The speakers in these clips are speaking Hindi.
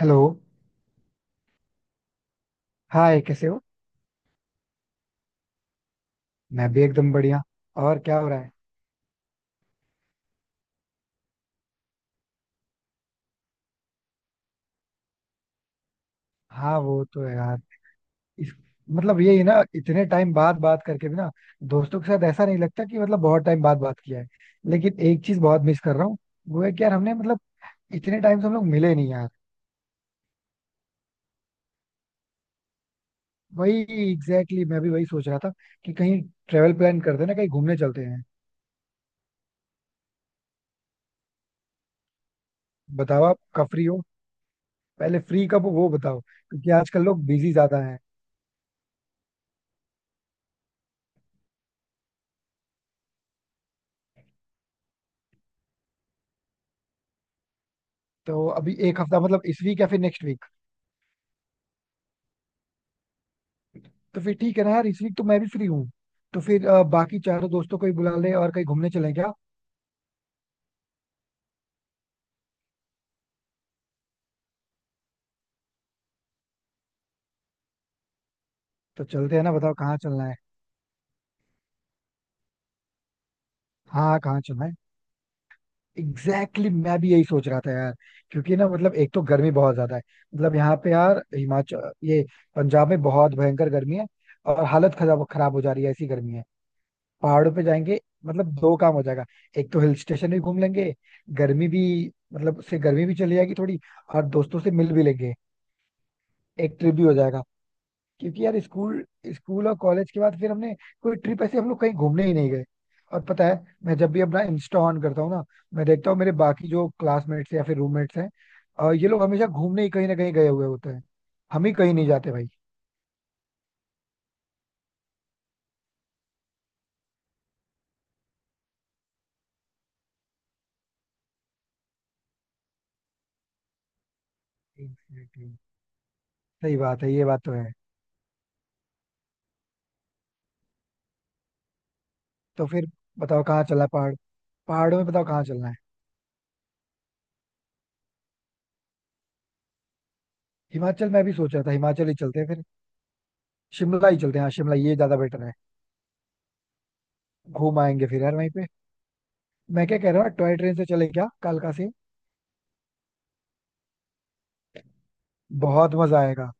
हेलो. हाय, कैसे हो? मैं भी एकदम बढ़िया. और क्या हो रहा है? हाँ, वो तो है यार. इस मतलब यही है ना, इतने टाइम बाद बात करके भी ना, दोस्तों के साथ ऐसा नहीं लगता कि मतलब बहुत टाइम बाद बात किया है. लेकिन एक चीज बहुत मिस कर रहा हूँ. वो है कि यार हमने मतलब इतने टाइम से हम लोग मिले नहीं यार. वही, एग्जैक्टली, मैं भी वही सोच रहा था कि कहीं ट्रेवल प्लान करते हैं ना, कहीं घूमने चलते हैं. बताओ आप कब फ्री हो. पहले फ्री कब हो वो बताओ, क्योंकि आजकल लोग बिजी ज्यादा हैं. तो अभी एक हफ्ता मतलब इस वीक या फिर नेक्स्ट वीक? तो फिर ठीक है ना यार, इस वीक तो मैं भी फ्री हूँ. तो फिर बाकी चारों दोस्तों को ही बुला ले और कहीं घूमने चलें क्या. तो चलते हैं ना, बताओ कहाँ चलना है. हाँ, कहाँ चलना है. एग्जैक्टली, मैं भी यही सोच रहा था यार. क्योंकि ना, मतलब एक तो गर्मी बहुत ज्यादा है. मतलब यहाँ पे यार हिमाचल, ये पंजाब में बहुत भयंकर गर्मी है. और हालत खराब खराब हो जा रही है, ऐसी गर्मी है. पहाड़ों पे जाएंगे. मतलब दो काम हो जाएगा. एक तो हिल स्टेशन भी घूम लेंगे, गर्मी भी मतलब से गर्मी भी चली जाएगी थोड़ी, और दोस्तों से मिल भी लेंगे, एक ट्रिप भी हो जाएगा. क्योंकि यार स्कूल स्कूल और कॉलेज के बाद फिर हमने कोई ट्रिप ऐसे हम लोग कहीं घूमने ही नहीं गए. और पता है, मैं जब भी अपना इंस्टा ऑन करता हूँ ना, मैं देखता हूँ मेरे बाकी जो क्लासमेट्स या फिर रूममेट्स हैं, और ये लोग हमेशा घूमने ही कहीं ना कहीं गए हुए होते हैं. हम ही कहीं नहीं जाते भाई. एग्जैक्टली. सही बात है, ये बात तो है. तो फिर बताओ कहाँ चलना है, पहाड़. पहाड़ों में बताओ कहाँ चलना है. हिमाचल, मैं भी सोच रहा था हिमाचल ही चलते हैं फिर. शिमला ही चलते हैं, हाँ, शिमला ये ज्यादा बेटर है. घूम आएंगे फिर यार वहीं पे. मैं क्या कह रहा हूँ, टॉय ट्रेन से चले क्या कालका से? बहुत मजा आएगा.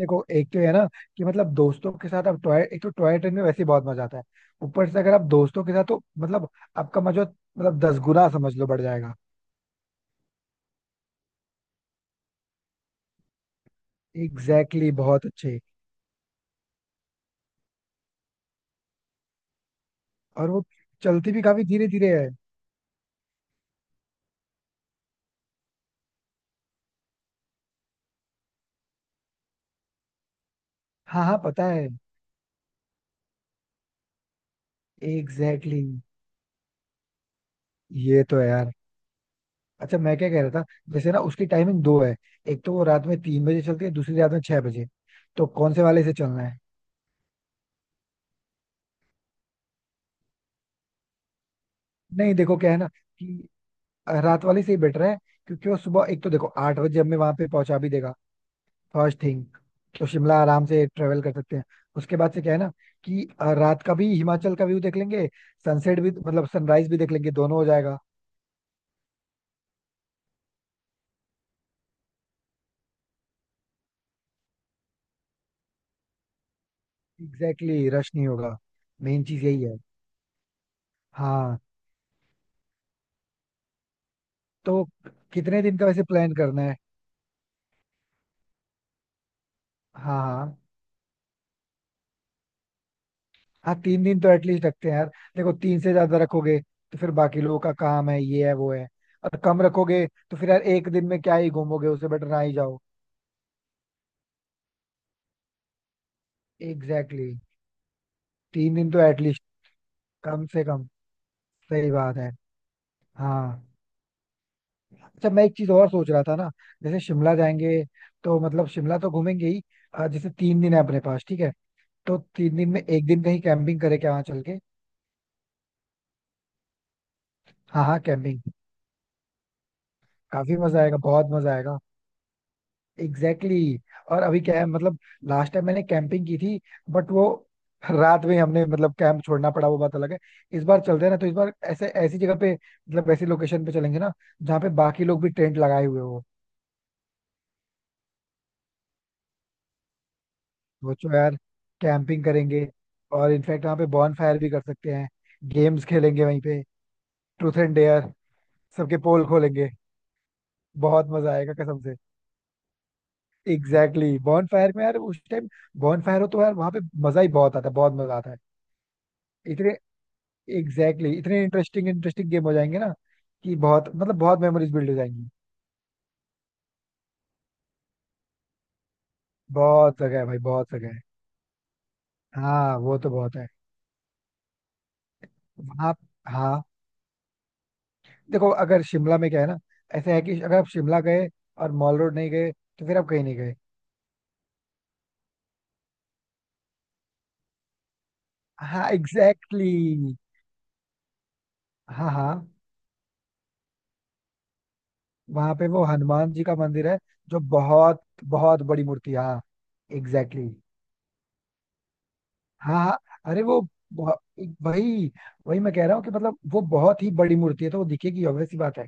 देखो एक तो ये है ना, कि मतलब दोस्तों के साथ आप टॉय, एक तो टॉय ट्रेन में वैसे ही बहुत मजा आता है. ऊपर से अगर आप दोस्तों के साथ, तो मतलब आपका मजा मतलब 10 गुना समझ लो बढ़ जाएगा. एग्जैक्टली, बहुत अच्छे. और वो चलती भी काफी धीरे धीरे है. हाँ हाँ, पता है. एग्जैक्टली, ये तो है यार. अच्छा, मैं क्या कह रहा था, जैसे ना उसकी टाइमिंग दो है. एक तो वो रात में 3 बजे चलती है, दूसरी रात में 6 बजे. तो कौन से वाले से चलना है? नहीं देखो, क्या है ना, कि रात वाले से ही बेटर है. क्योंकि वो सुबह एक तो देखो 8 बजे हमें वहां पे पहुंचा भी देगा. फर्स्ट थिंग, तो शिमला आराम से ट्रेवल कर सकते हैं. उसके बाद से क्या है ना कि रात का भी हिमाचल का व्यू देख लेंगे. सनसेट भी मतलब सनराइज भी देख लेंगे, दोनों हो जाएगा. एग्जैक्टली, रश नहीं होगा. मेन चीज यही है. हाँ. तो कितने दिन का वैसे प्लान करना है? हाँ हाँ हाँ. 3 दिन तो एटलीस्ट रखते हैं यार. देखो तीन से ज्यादा रखोगे तो फिर बाकी लोगों का काम है, ये है, वो है. और कम रखोगे तो फिर यार एक दिन में क्या ही घूमोगे, उससे बेटर ना ही जाओ. Exactly exactly. 3 दिन तो एटलीस्ट, कम से कम. सही बात है. हाँ. अच्छा, मैं एक चीज और सोच रहा था ना. जैसे शिमला जाएंगे तो मतलब शिमला तो घूमेंगे ही. जैसे 3 दिन है अपने पास, ठीक है, तो 3 दिन में एक दिन कहीं कैंपिंग करें क्या वहां चल के. हाँ हाँ, कैंपिंग. काफी मजा आएगा, बहुत मजा आएगा. Exactly exactly. और अभी क्या है, मतलब लास्ट टाइम मैंने कैंपिंग की थी, बट वो रात में हमने मतलब कैंप छोड़ना पड़ा, वो बात अलग है. इस बार चलते हैं ना, तो इस बार ऐसे ऐसी जगह पे मतलब ऐसी लोकेशन पे चलेंगे ना, जहाँ पे बाकी लोग भी टेंट लगाए हुए हो. सोचो यार, कैंपिंग करेंगे और इनफैक्ट वहाँ पे बॉन फायर भी कर सकते हैं. गेम्स खेलेंगे वहीं पे. ट्रूथ एंड डेयर, सबके पोल खोलेंगे. बहुत मजा आएगा कसम से. Exactly exactly. बॉन फायर में यार, उस टाइम बॉन फायर हो तो यार वहाँ पे मजा ही बहुत आता है, बहुत मजा आता है. इतने, एग्जैक्टली, इतने इंटरेस्टिंग इंटरेस्टिंग गेम हो जाएंगे ना कि बहुत मतलब बहुत मेमोरीज बिल्ड हो जाएंगी. बहुत जगह है भाई, बहुत जगह है. हाँ, वो तो बहुत है. वहाँ, हाँ. देखो अगर शिमला में क्या है ना, ऐसा है कि अगर आप शिमला गए और मॉल रोड नहीं गए, तो फिर आप कहीं नहीं गए. हाँ, एग्जैक्टली exactly. हाँ हाँ. वहां पे वो हनुमान जी का मंदिर है, जो बहुत बहुत बड़ी मूर्ति है, हाँ. Exactly exactly. हाँ हाँ. अरे वो, बहु- वही, वही मैं कह रहा हूँ कि मतलब वो बहुत ही बड़ी मूर्ति है, तो वो दिखेगी, obvious सी बात है.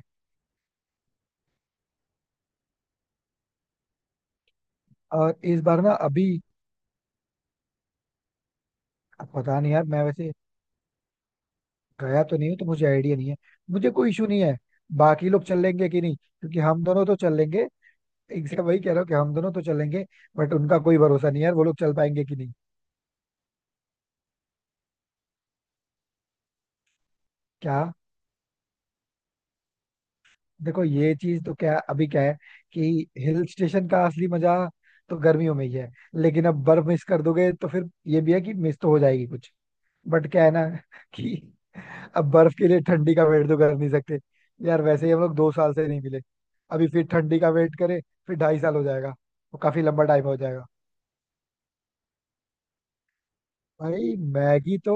और इस बार ना अभी, अब पता नहीं यार, मैं वैसे गया तो नहीं हूँ तो मुझे आइडिया नहीं है. मुझे कोई इशू नहीं है. बाकी लोग चल लेंगे कि नहीं, क्योंकि हम दोनों तो चल लेंगे. एग्जैक्ट वही कह रहा हूँ कि हम दोनों तो चलेंगे. बट उनका कोई भरोसा नहीं है यार, वो लोग चल पाएंगे कि नहीं. क्या? देखो ये चीज तो, क्या अभी क्या है कि हिल स्टेशन का असली मजा तो गर्मियों में ही है, लेकिन अब बर्फ मिस कर दोगे तो फिर ये भी है कि मिस तो हो जाएगी कुछ, बट क्या है ना कि अब बर्फ के लिए ठंडी का वेट तो कर नहीं सकते. यार वैसे ही हम लोग 2 साल से नहीं मिले. अभी फिर ठंडी का वेट करें फिर 2.5 साल हो जाएगा, वो काफी लंबा टाइम हो जाएगा. भाई मैगी तो,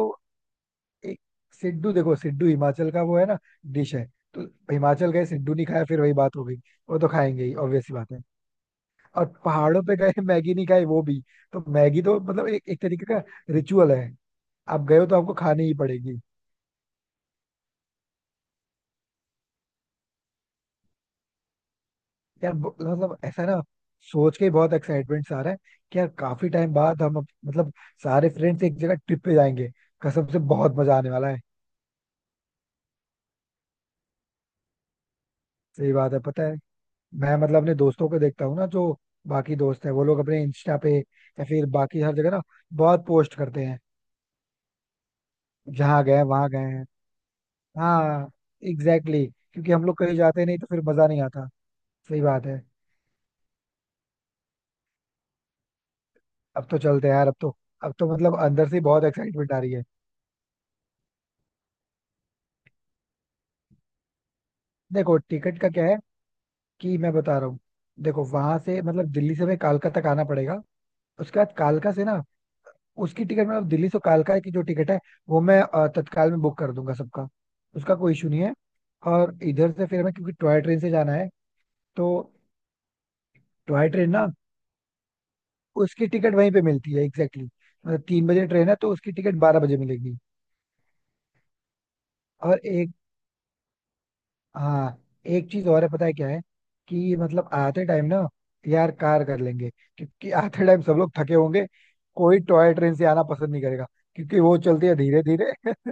एक, सिड्डू, देखो सिड्डू हिमाचल का वो है ना, डिश है. तो हिमाचल गए, सिड्डू नहीं खाया, फिर वही बात हो गई. वो तो खाएंगे ही, ऑब्वियस सी बात है. और पहाड़ों पे गए मैगी नहीं खाई, वो भी, तो मैगी तो मतलब एक एक तरीके का रिचुअल है. आप गए हो तो आपको खानी ही पड़ेगी. यार मतलब ऐसा ना, सोच के ही बहुत एक्साइटमेंट सा आ रहा है कि यार काफी टाइम बाद हम मतलब सारे फ्रेंड्स एक जगह ट्रिप पे जाएंगे. कसम से बहुत मजा आने वाला है. सही बात है, पता है. मैं मतलब अपने दोस्तों को देखता हूँ ना, जो बाकी दोस्त है वो लोग अपने इंस्टा पे या फिर बाकी हर जगह ना बहुत पोस्ट करते हैं. जहाँ गए वहां गए हैं. हाँ. Exactly exactly. क्योंकि हम लोग कहीं जाते नहीं तो फिर मजा नहीं आता. सही बात है. अब तो चलते हैं यार, अब तो. अब तो मतलब अंदर से बहुत एक्साइटमेंट आ रही है. देखो टिकट का क्या है, कि मैं बता रहा हूँ, देखो वहां से मतलब दिल्ली से हमें कालका तक आना पड़ेगा. उसके बाद कालका से ना, उसकी टिकट मतलब दिल्ली से कालका की जो टिकट है वो मैं तत्काल में बुक कर दूंगा सबका. उसका कोई इशू नहीं है. और इधर से फिर हमें क्योंकि टॉय ट्रेन से जाना है तो, टॉय ट्रेन ना उसकी टिकट वहीं पे मिलती है. Exactly exactly. मतलब 3 बजे ट्रेन है तो उसकी टिकट 12 बजे मिलेगी. और एक, हाँ, एक चीज और है, पता है क्या है, कि मतलब आते टाइम ना यार कार कर लेंगे. क्योंकि आते टाइम सब लोग थके होंगे, कोई टॉय ट्रेन से आना पसंद नहीं करेगा, क्योंकि वो चलती है धीरे धीरे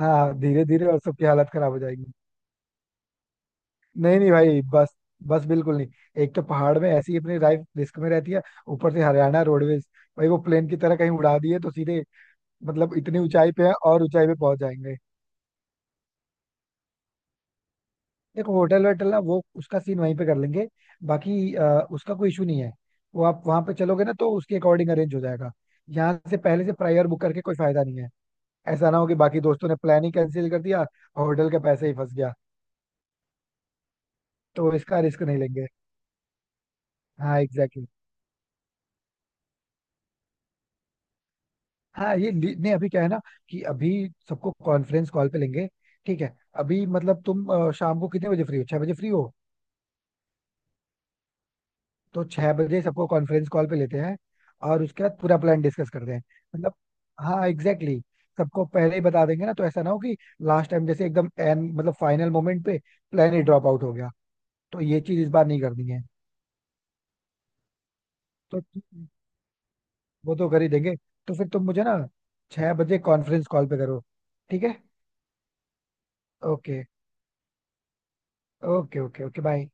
हाँ, धीरे धीरे और सबकी हालत खराब हो जाएगी. नहीं नहीं भाई, बस, बस बिल्कुल नहीं. एक तो पहाड़ में ऐसी अपनी लाइफ रिस्क में रहती है, ऊपर से हरियाणा रोडवेज, भाई वो प्लेन की तरह कहीं उड़ा दिए तो सीधे, मतलब इतनी ऊंचाई पे है और ऊंचाई पे पहुंच जाएंगे. देखो होटल वोटल ना, वो उसका सीन वहीं पे कर लेंगे. बाकी उसका कोई इशू नहीं है. वो आप वहां पे चलोगे ना तो उसके अकॉर्डिंग अरेंज हो जाएगा. यहाँ से पहले से प्रायर बुक करके कोई फायदा नहीं है. ऐसा ना हो कि बाकी दोस्तों ने प्लान ही कैंसिल कर दिया और होटल के पैसे ही फंस गया. तो इसका रिस्क नहीं लेंगे. हाँ, exactly. हाँ ये नहीं, अभी क्या है ना, कि अभी सबको कॉन्फ्रेंस कॉल पे लेंगे. ठीक है, अभी मतलब तुम शाम को कितने बजे फ्री हो, 6 बजे फ्री हो? तो 6 बजे सबको कॉन्फ्रेंस कॉल पे लेते हैं और उसके बाद पूरा प्लान डिस्कस करते हैं. मतलब, हाँ एग्जैक्टली exactly. सबको पहले ही बता देंगे ना, तो ऐसा ना हो कि लास्ट टाइम जैसे एकदम एंड मतलब फाइनल मोमेंट पे प्लान ही ड्रॉप आउट हो गया. तो ये चीज इस बार नहीं करनी है. तो ठीक है. वो तो कर ही देंगे. तो फिर तुम मुझे ना 6 बजे कॉन्फ्रेंस कॉल पे करो, ठीक है. Okay, okay, okay, okay, bye.